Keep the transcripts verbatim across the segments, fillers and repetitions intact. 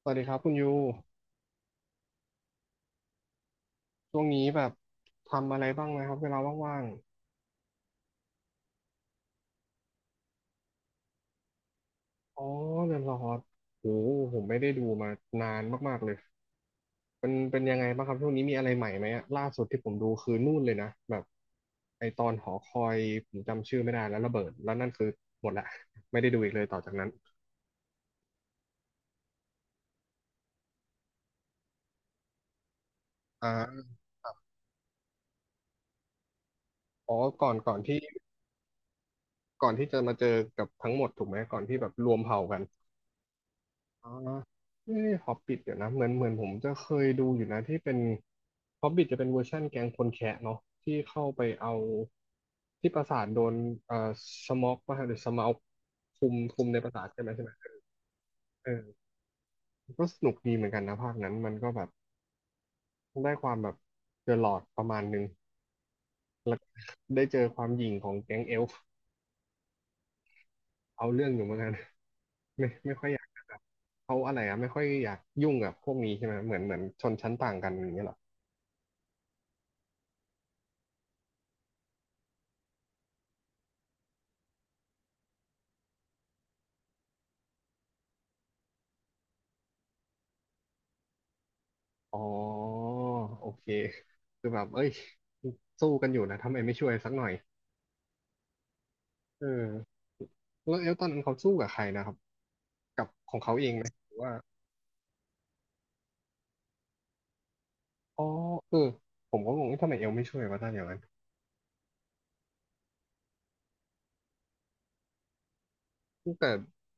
สวัสดีครับคุณยูช่วงนี้แบบทำอะไรบ้างไหมครับเวลาว่างๆอ๋อเรือนรอดโหผมไม่ได้ดูมานานมากๆเลยเป็นเป็นยังไงบ้างครับช่วงนี้มีอะไรใหม่ไหมอะล่าสุดที่ผมดูคือนู่นเลยนะแบบไอตอนหอคอยผมจำชื่อไม่ได้แล้วระเบิดแล้วนั่นคือหมดละไม่ได้ดูอีกเลยต่อจากนั้นอ่าอ๋อก่อนก่อนที่ก่อนที่จะมาเจอกับทั้งหมดถูกไหมก่อนที่แบบรวมเผ่ากัน อ๋อนี่นี่ฮอบบิทเดี๋ยวนะเหมือนเหมือนผมจะเคยดูอยู่นะที่เป็นฮอบบิทจะเป็นเวอร์ชั่นแก๊งคนแคะเนาะที่เข้าไปเอาที่ปราสาทโดนเอ่อสมอกป่ะหรือสมาอกคุมคุมในปราสาทใช่ไหมใช่ไหมเออก็สนุกดีเหมือนกันนะภาคนั้นมันก็แบบได้ความแบบเจอหลอดประมาณนึงแล้วก็ได้เจอความหยิ่งของแก๊งเอลฟ์เอาเรื่องอยู่เหมือนกัน ไม่ไม่ค่อยอยากแบบเขาอะไรอะไม่ค่อยอยากยุ่งกับพวกนี้ใช่ไหมเหมือนเหมือนชนชั้นต่างกันอย่างเงี้ยเหรอ อ๋อโอเคคือแบบเอ้ยสู้กันอยู่นะทำไมไม่ช่วยสักหน่อยเออแล้วเอลตอนนั้นเขาสู้กับใครนะครับกับของเขาเองไหมหรือว่าอ๋อเออผมก็งงว่าทำไมเอลไม่ช่วยวะตอนอย่างนั้นแต่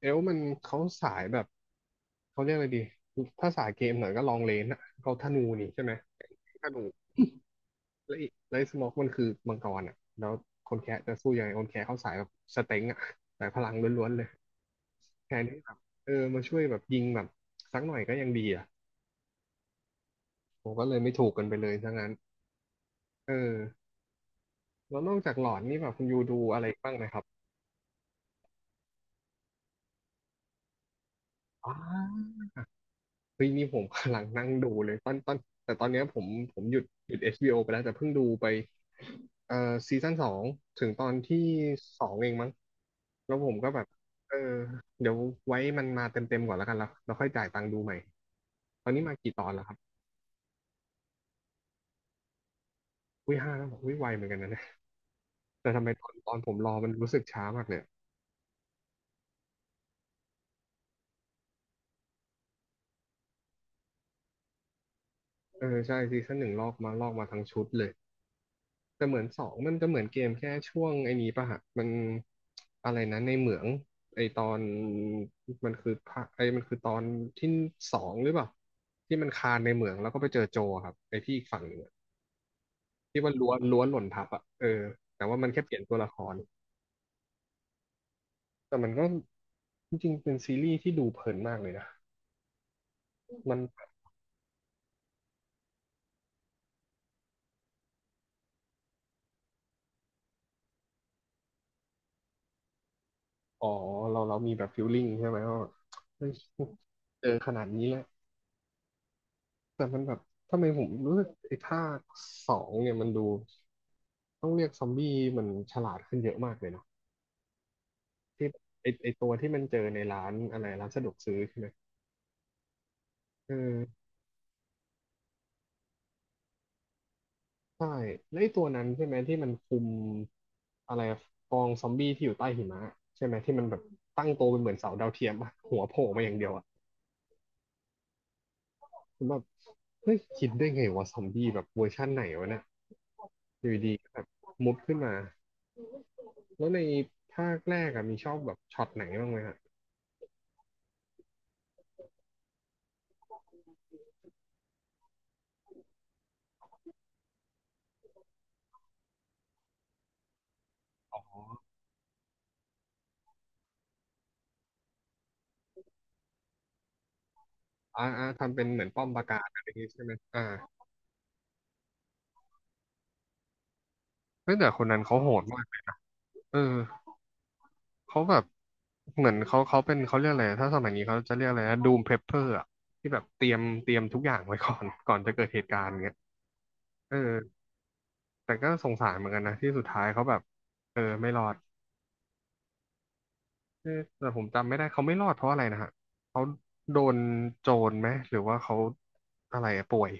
เอลมันเขาสายแบบเขาเรียกอะไรดีถ้าสายเกมหน่อยก็ลองเลนอะเขาธนูนี่ใช่ไหมธนู แล้วอีกแล้วไอ้สโมกมันคือมังกรอ่ะแล้วคนแคะจะสู้ยังไงคนแคะเขาสายแบบสเต็งอ่ะสายพลังล้วนๆเลยแทนที่แบบเออมาช่วยแบบยิงแบบสักหน่อยก็ยังดีอ่ะผมก็เลยไม่ถูกกันไปเลยซะงั้นเออแล้วนอกจากหลอนนี่แบบคุณยูดูอะไรบ้างนะครับอ๋อ เฮ้ยนี่ผม กำลังนั่งดูเลยตอนตอนแต่ตอนเนี้ยผมผมหยุดหยุด เอช บี โอ ไปแล้วแต่เพิ่งดูไปเอ่อซีซั่นสองถึงตอนที่สองเองมั้งแล้วผมก็แบบเออเดี๋ยวไว้มันมาเต็มเต็มก่อนแล้วกันแล้วเราค่อยจ่ายตังค์ดูใหม่ตอนนี้มากี่ตอนแล้วครับอุ้ยห้าแล้วอุ้ยไวเหมือนกันนะเนี่ยแต่ทำไมตอนตอนผมรอมันรู้สึกช้ามากเนี่ยอะเออใช่ซีซั่นหนึ่งลอกมาลอกมาทั้งชุดเลย แต่เหมือนสองมันจะเหมือนเกมแค่ช่วงไอ้นี้ป่ะฮะมันอะไรนะในเหมืองไอตอนมันคือภาคไอมันคือตอนที่สองหรือเปล่าที่มันคานในเหมืองแล้วก็ไปเจอโจอะครับไอที่อีกฝั่งหนึ่งอะที่ว่าล้วนล้วนหล่นทับอ่ะเออแต่ว่ามันแค่เปลี่ยนตัวละครแต่มันก็จริงๆเป็นซีรีส์ที่ดูเพลินมากเลยนะมันอ๋อเราเรามีแบบฟิลลิ่งใช่ไหมว่าแบบเฮ้ยเจอขนาดนี้แล้วแต่มันแบบทำไมผมรู้สึกไอ้ภาคสองเนี่ยมันดู ต้องเรียกซอมบี้มันฉลาดขึ้นเยอะมากเลยเนาะที่ไอไอตัวที่มันเจอในร้านอะไรร้านสะดวกซื้อใช่ไหมเออใช่แล้วไอตัวนั้นใช่ไหมที่มันคุมอะไรกองซอมบี้ที่อยู่ใต้หิมะใช่ไหมที่มันแบบตั้งโตวเป็นเหมือนเสาดาวเทียมอะหัวโผล่มาอย่างเดียวอะผมแบบเฮ้ยคิดได้ไงวะซอมบี้แบบเวอร์ชั่นไหนวะเนี่ยอยู่ดีๆก็แบบมุดขึ้นมาแล้วในภาคแรกอะมีชอบแบบช็อตไหนบ้างไหมฮะอ่าอ่าทำเป็นเหมือนป้อมปราการอะไรอย่างงี้ใช่ไหมอ่าเฮ้ยแต่คนนั้นเขาโหดมากเออ เขาแบบเหมือนเขาเขาเป็นเขาเรียกอะไรถ้าสมัยนี้เขาจะเรียกอะไรนะดูมเพลเปอร์อะที่แบบเตรียมเตรียมทุกอย่างไว้ก่อน ก่อนจะเกิดเหตุการณ์เงี้ยเออแต่ก็สงสารเหมือนกันนะที่สุดท้ายเขาแบบเออไม่รอดเออแต่ผมจำไม่ได้เขาไม่รอดเพราะอะไรนะฮะเขาโดนโจรไหมหรือว่าเขาอะไรอะป่วย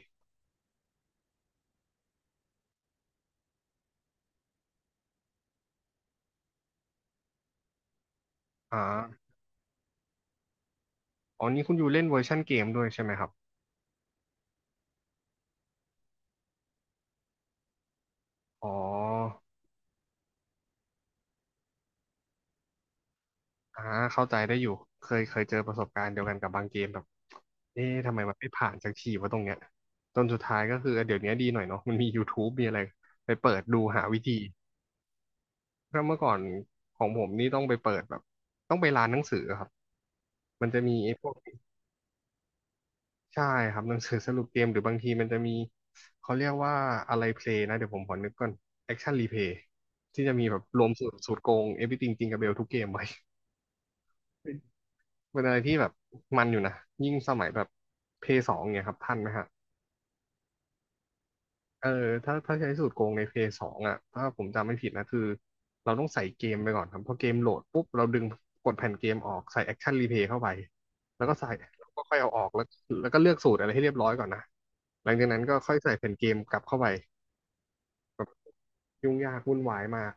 อ่าอ๋อนี่คุณอยู่เล่นเวอร์ชันเกมด้วยใช่ไหมครับอ๋อ อ่าเข้าใจได้อยู่เคยเคยเจอประสบการณ์เดียวกันกับบางเกมแบบเอ๊ะทำไมมันไม่ผ่านสักทีวะตรงเนี้ยจนสุดท้ายก็คือเออเดี๋ยวนี้ดีหน่อยเนาะมันมี ยูทูป มีอะไรไปเปิดดูหาวิธีเพราะเมื่อก่อนของผมนี่ต้องไปเปิดแบบต้องไปร้านหนังสือครับมันจะมีไอ้พวกใช่ครับหนังสือสรุปเกมหรือบางทีมันจะมีเขาเรียกว่าอะไรเพลย์นะเดี๋ยวผมขอนึกก่อนแอคชั่นรีเพลย์ที่จะมีแบบรวมสูตรสูตรโกง Everything จริงกับเบลทุกเกมไว้ เป็นอะไรที่แบบมันอยู่นะยิ่งสมัยแบบเพย์สองเนี่ยครับทันไหมฮะเออถ้าถ้าใช้สูตรโกงในเพย์สองอ่ะถ้าผมจำไม่ผิดนะคือเราต้องใส่เกมไปก่อนครับพอเกมโหลดปุ๊บเราดึงกดแผ่นเกมออกใส่แอคชั่นรีเพย์เข้าไปแล้วก็ใส่แล้วก็ค่อยเอาออกแล้วแล้วก็เลือกสูตรอะไรให้เรียบร้อยก่อนนะหลังจากนั้นก็ค่อยใส่แผ่นเกมกลับเข้าไปแบบยุ่งยากวุ่นวายมาก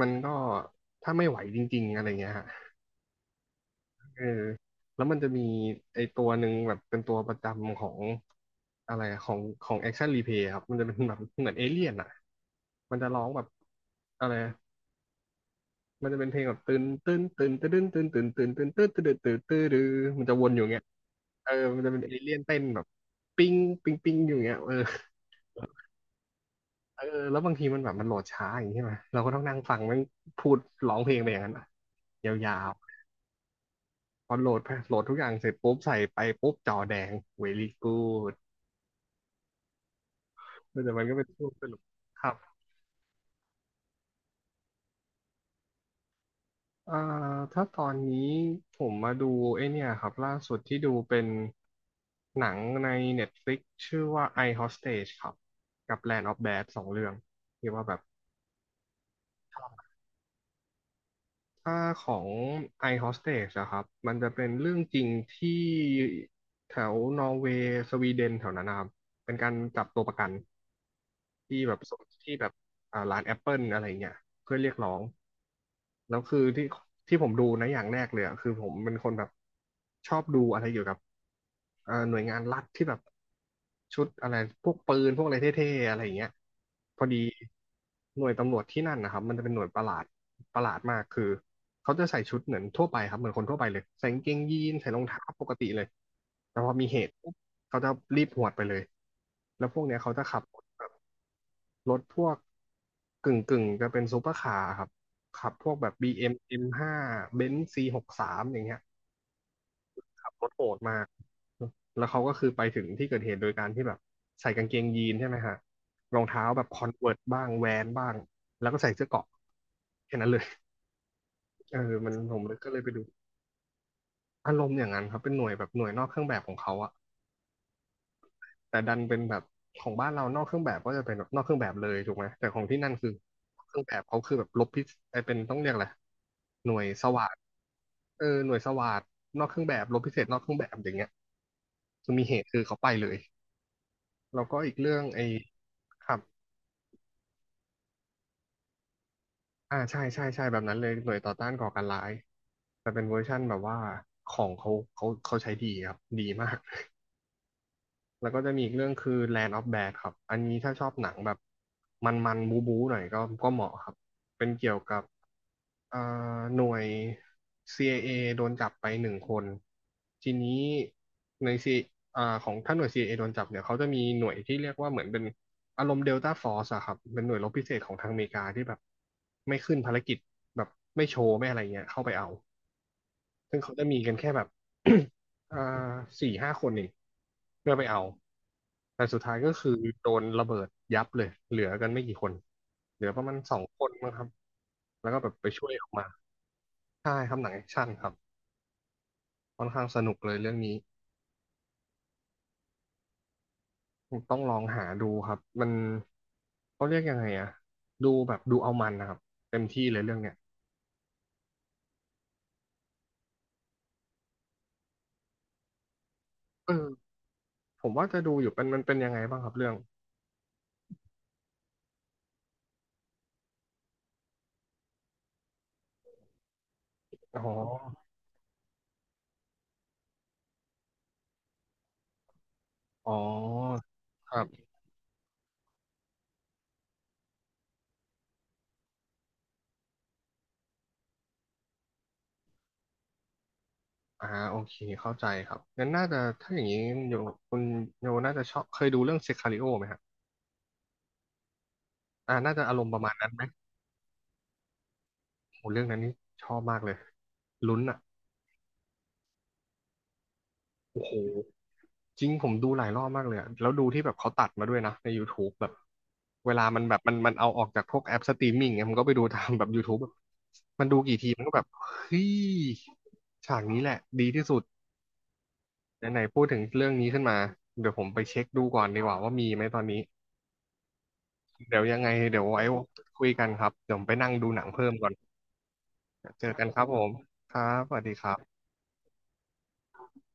มันก็ถ้าไม่ไหวจริงๆอะไรเงี้ยฮะ เออแล้วมันจะมีไอตัวหนึ่งแบบเป็นตัวประจำของอะไรอะของของแอคชั่นรีเพย์ครับมันจะเป็นแบบเหมือนเอเลี่ยนอ่ะมันจะร้องแบบอะไรอะมันจะเป็นเพลงแบบตื่นตื่นตื่นตื่นตื่นตื่นตื่นตื่นตื่นตื่นตื่นตื่นตื่นมันจะวนอยู่เงี้ยเออมันจะเป็นเอเลี่ยนเต้นแบบปิ้งปิ้งปิ้งอยู่เงี้ยเออเออแล้วบางทีมันแบบมันโหลดช้าอย่างนี้ใช่ไหมเราก็ต้องนั่งฟังมันพูดร้องเพลงไปอย่างนั้นอะยาว พอโหลดโหลดทุกอย่างเสร็จปุ๊บใส่ไปปุ๊บจอแดง very good แต่มันก็เป็นช่วงสนุกครับเอ่อถ้าตอนนี้ผมมาดูไอเนี่ยครับล่าสุดที่ดูเป็นหนังใน Netflix ชื่อว่า I Hostage ครับกับ Land of Bad สองเรื่องที่ว่าแบบชอบถ้าของ I Hostage อะครับมันจะเป็นเรื่องจริงที่แถวนอร์เวย์สวีเดนแถวนั้นนะครับเป็นการจับตัวประกัน ที่แบบส่งที่แบบอ่าร้านแอปเปิลอะไรเงี้ยเพื่อเรียกร้องแล้วคือที่ที่ผมดูนะอย่างแรกเลยอะคือผมเป็นคนแบบชอบดูอะไรเกี่ยวกับเอ่อหน่วยงานรัฐที่แบบชุดอะไรพวกปืนพวกอะไรเท่ๆอะไรอย่างเงี้ยพอดีหน่วยตำรวจที่นั่นนะครับมันจะเป็นหน่วยประหลาดประหลาดมากคือเขาจะใส่ชุดเหมือนทั่วไปครับเหมือนคนทั่วไปเลยใส่กางเกงยีนใส่รองเท้าปกติเลยแต่พอมีเหตุปุ๊บเขาจะรีบหวดไปเลยแล้วพวกเนี้ยเขาจะขับรถแบบ รถพวกกึ่งกึ่งจะเป็นซูเปอร์คาร์ครับขับพวกแบบ บี เอ็ม เอ็ม ห้า เอ็มเอ็มห้าเบนซ์ ซี หกสิบสาม อย่างเงี้ยขับรถโหดมากแล้วเขาก็คือไปถึงที่เกิดเหตุโดยการที่แบบใส่กางเกงยีนใช่ไหมฮะรองเท้าแบบคอนเวิร์บ้างแวนบ้างแล้วก็ใส่เสื้อเกราะแค่นั้นเลย เออมันผมเลยก็เลยไปดูอารมณ์อย่างนั้นครับเป็นหน่วยแบบหน่วยนอกเครื่องแบบของเขาอะ แต่ดันเป็นแบบของบ้านเรานอกเครื่องแบบก็จะเป็นแบบนอกเครื่องแบบเลยถูกไหมแต่ของที่นั่นคือเครื่องแบบเขาคือแบบลบพิษไอเป็นต้องเรียกอะไรหน่วยสวาทเออหน่วยสวาทนอกเครื่องแบบลบพิเศษนอกเครื่องแบบอย่างเงี้ยคือมีเหตุคือเขาไปเลยแล้วก็อีกเรื่องไอครับอ่าใช่ใช่ใช่แบบนั้นเลยหน่วยต่อต้านก่อการร้ายแต่เป็นเวอร์ชั่นแบบว่าของเขาเขาเขาใช้ดีครับดีมาก แล้วก็จะมีอีกเรื่องคือ Land of Bad ครับ อันนี้ถ้าชอบหนังแบบมันๆบูบูหน่อยก็ก็เหมาะครับ เป็นเกี่ยวกับเอ่อหน่วย ซี ไอ เอ โดนจับไปหนึ่งคนทีนี้ในซีอ่าของถ้าหน่วย ซี ไอ เอ โดนจับเนี่ยเขาจะมีหน่วยที่เรียกว่าเหมือนเป็นอารมณ์เดลต้าฟอร์สอะครับเป็นหน่วยรบพิเศษของทางอเมริกาที่แบบไม่ขึ้นภารกิจแบบไม่โชว์ไม่อะไรเงี้ยเข้าไปเอา ซึ่งเขาจะมีกันแค่แบบ อ่าสี่ห้าคนเองเพื่อไปเอาแต่สุดท้ายก็คือโดนระเบิดยับเลยเหลือกันไม่กี่คนเหลือประมาณสองคนนะครับแล้วก็แบบไปช่วยออกมาใช่ครับหนังแอคชั่นครับค่อนข้างสนุกเลยเรื่องนี้ต้องลองหาดูครับมันเขาเรียกยังไงอะดูแบบดูเอามันนะครับเต็มที่เลยเรื่องเนี้ยเออผมว่าจะดูอยู่เป็นมันเป็นยังไงบ้างครับเรื่องอ๋ออ๋อครับ อ่าโอเคเข้าใจครับงั้นน่าจะถ้าอย่างนี้โยคุณโยน่าจะชอบเคยดูเรื่องเซคาริโอไหมฮะอ่าน่าจะอารมณ์ประมาณนั้นไหมโหเรื่องนั้นนี่ชอบมากเลยลุ้นอ่ะโอ้โหจริงผมดูหลายรอบมากเลยอะแล้วดูที่แบบเขาตัดมาด้วยนะใน YouTube แบบเวลามันแบบมันมันเอาออกจากพวกแอปสตรีมมิ่งเนี่ยมันก็ไปดูตาม แบบ YouTube แบบมันดูกี่ทีมันก็แบบเฮ้ยฉากนี้แหละดีที่สุดไหนๆพูดถึงเรื่องนี้ขึ้นมาเดี๋ยวผมไปเช็คดูก่อนดีกว่าว่ามีไหมตอนนี้ เดี๋ยวยังไงเดี๋ยวไว้คุยกันครับเดี๋ยวผมไปนั่งดูหนังเพิ่มก่อนเจอกันครับผมครับสวัสดีครับ